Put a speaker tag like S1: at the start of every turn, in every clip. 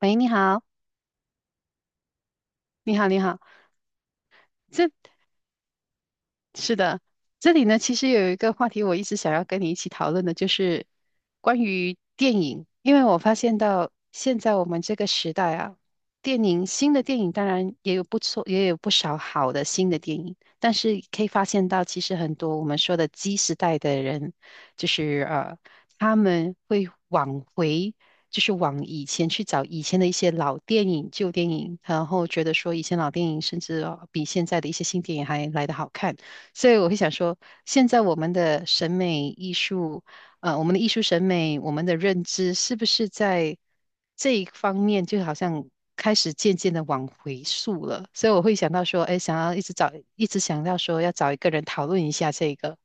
S1: 喂，你好，你好，你好。这是的，这里呢，其实有一个话题我一直想要跟你一起讨论的，就是关于电影，因为我发现到现在我们这个时代啊，新的电影当然也有不错，也有不少好的新的电影，但是可以发现到，其实很多我们说的 Z 时代的人，就是他们会往回。就是往以前去找以前的一些老电影、旧电影，然后觉得说以前老电影甚至比现在的一些新电影还来得好看。所以我会想说，现在我们的审美艺术，我们的艺术审美，我们的认知，是不是在这一方面，就好像开始渐渐的往回溯了？所以我会想到说，哎，想要一直找，一直想到说要找一个人讨论一下这个，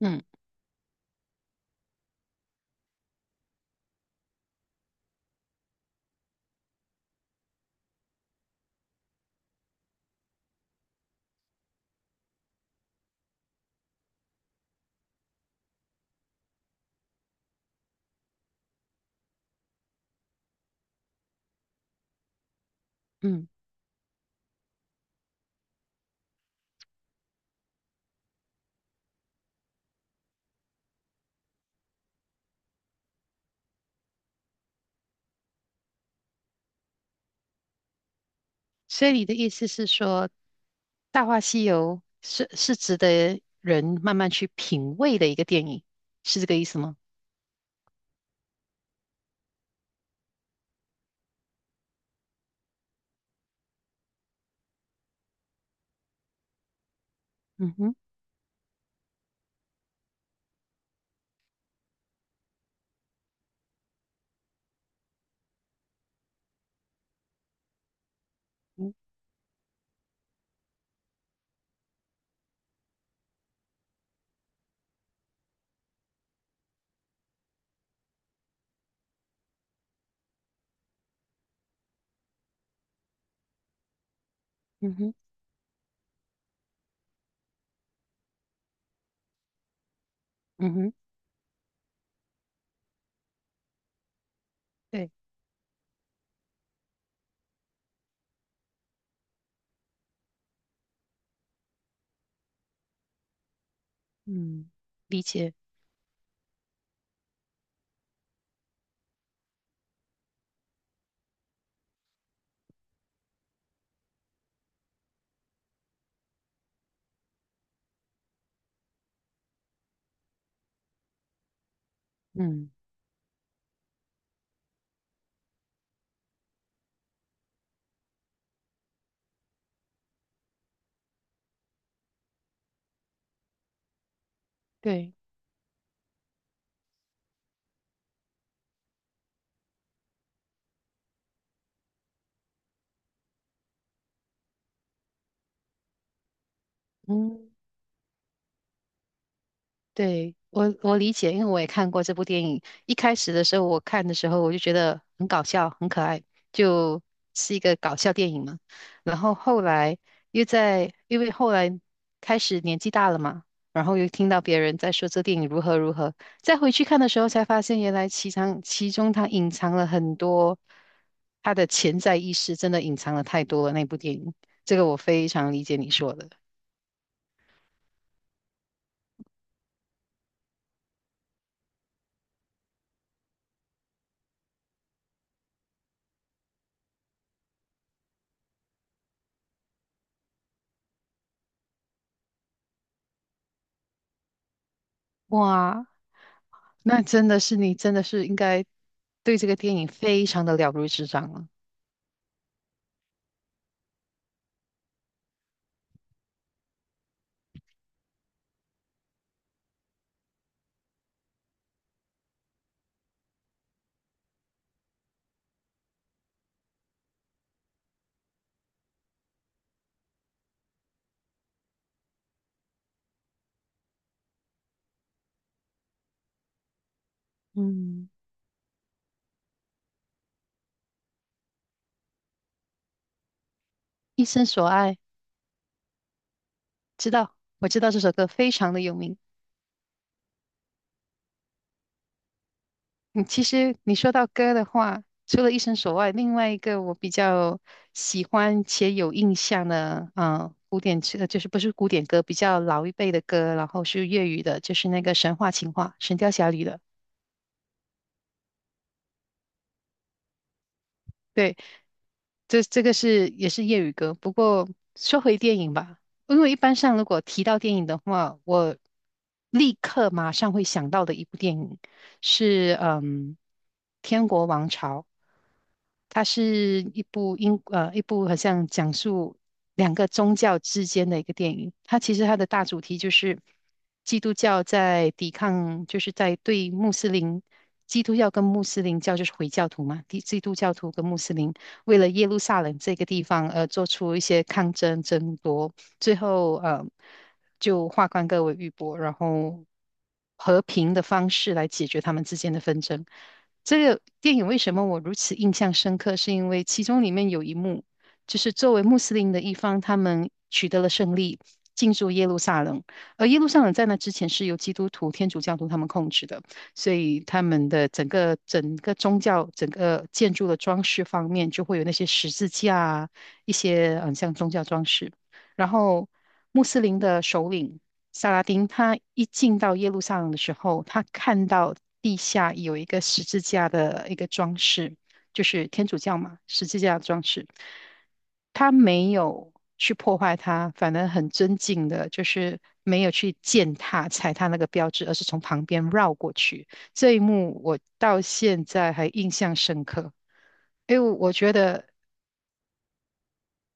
S1: 嗯嗯。所以你的意思是说，《大话西游》是值得人慢慢去品味的一个电影，是这个意思吗？嗯哼，嗯嗯哼，嗯哼，对，嗯，理解，嗯。对，嗯，对，我理解，因为我也看过这部电影。一开始的时候，我看的时候我就觉得很搞笑，很可爱，就是一个搞笑电影嘛。然后后来因为后来开始年纪大了嘛，然后又听到别人在说这电影如何如何，再回去看的时候才发现，原来其中它隐藏了很多，它的潜在意识真的隐藏了太多了。那部电影，这个我非常理解你说的。哇，那真的是应该对这个电影非常的了如指掌了。嗯，一生所爱，我知道这首歌非常的有名。嗯，其实你说到歌的话，除了一生所爱，另外一个我比较喜欢且有印象的，就是不是古典歌，比较老一辈的歌，然后是粤语的，就是那个《神话情话》《神雕侠侣》的。对，这个是也是粤语歌，不过说回电影吧，因为一般上如果提到电影的话，我立刻马上会想到的一部电影是《天国王朝》，它是一部一部好像讲述两个宗教之间的一个电影。它其实它的大主题就是基督教在抵抗，就是在对穆斯林。基督教跟穆斯林教就是回教徒嘛，基督教徒跟穆斯林为了耶路撒冷这个地方而做出一些抗争争夺，最后就化干戈为玉帛，然后和平的方式来解决他们之间的纷争。这个电影为什么我如此印象深刻？是因为其中里面有一幕，就是作为穆斯林的一方，他们取得了胜利，进驻耶路撒冷。而耶路撒冷在那之前是由基督徒、天主教徒他们控制的，所以他们的整个宗教、整个建筑的装饰方面，就会有那些十字架啊，一些像宗教装饰。然后穆斯林的首领萨拉丁，他一进到耶路撒冷的时候，他看到地下有一个十字架的一个装饰，就是天主教嘛，十字架的装饰。他没有去破坏它，反而很尊敬的，就是没有去践踏、踩踏那个标志，而是从旁边绕过去。这一幕我到现在还印象深刻。因为我觉得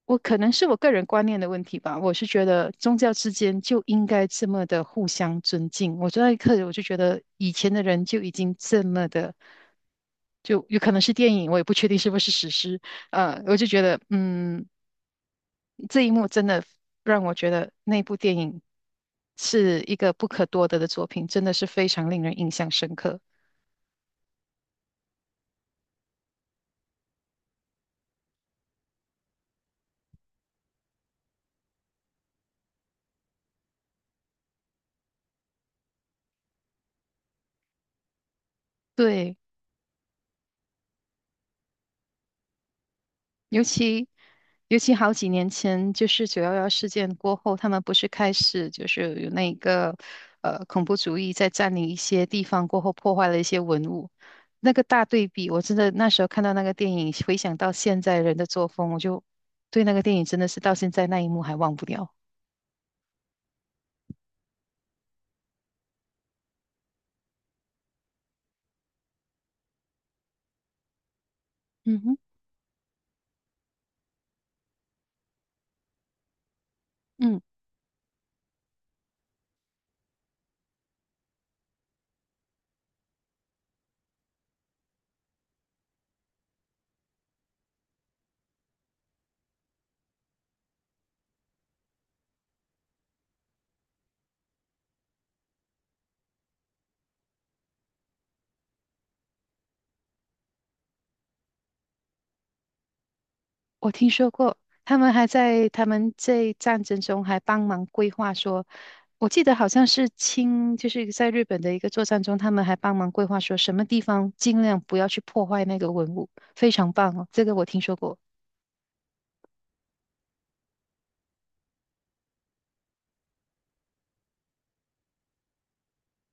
S1: 我可能是我个人观念的问题吧，我是觉得宗教之间就应该这么的互相尊敬。我那一刻我就觉得以前的人就已经这么的，就有可能是电影，我也不确定是不是史诗。我就觉得，这一幕真的让我觉得那部电影是一个不可多得的作品，真的是非常令人印象深刻。对。尤其尤其好几年前，就是9·11事件过后，他们不是开始就是有那个恐怖主义在占领一些地方过后，破坏了一些文物。那个大对比，我真的那时候看到那个电影，回想到现在人的作风，我就对那个电影真的是到现在那一幕还忘不掉。嗯哼，嗯。我听说过，他们在战争中还帮忙规划说，我记得好像就是在日本的一个作战中，他们还帮忙规划说什么地方尽量不要去破坏那个文物，非常棒哦，这个我听说过。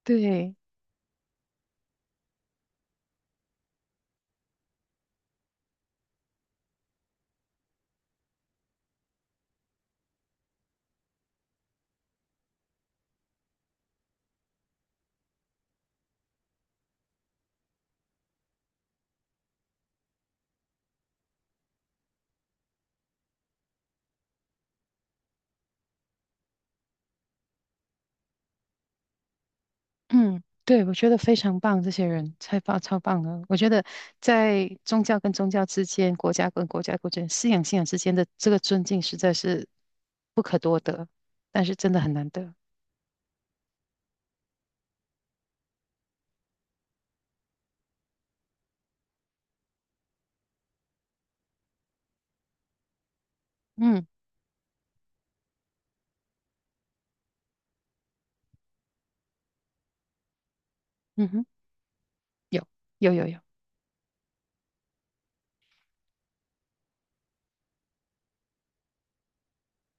S1: 对 嗯，对，我觉得非常棒，这些人太棒超棒了。我觉得在宗教跟宗教之间，国家跟国家之间，信仰信仰之间的这个尊敬实在是不可多得，但是真的很难得。嗯嗯哼，有有有有。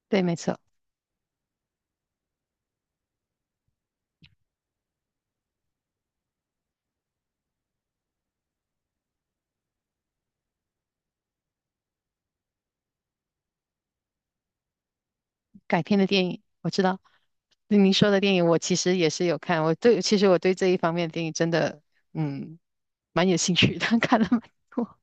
S1: 对，没错，改编的电影我知道。您说的电影我其实也是有看，我对，其实我对这一方面的电影真的，嗯，蛮有兴趣的，看了蛮多。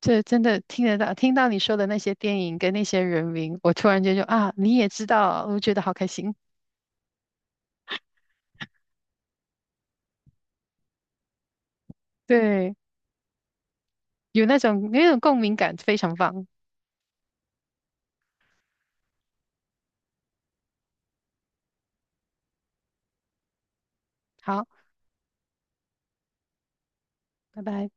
S1: 这真的听到你说的那些电影跟那些人名，我突然间就啊，你也知道，我觉得好开心。对，有那种共鸣感，非常棒。好，拜拜。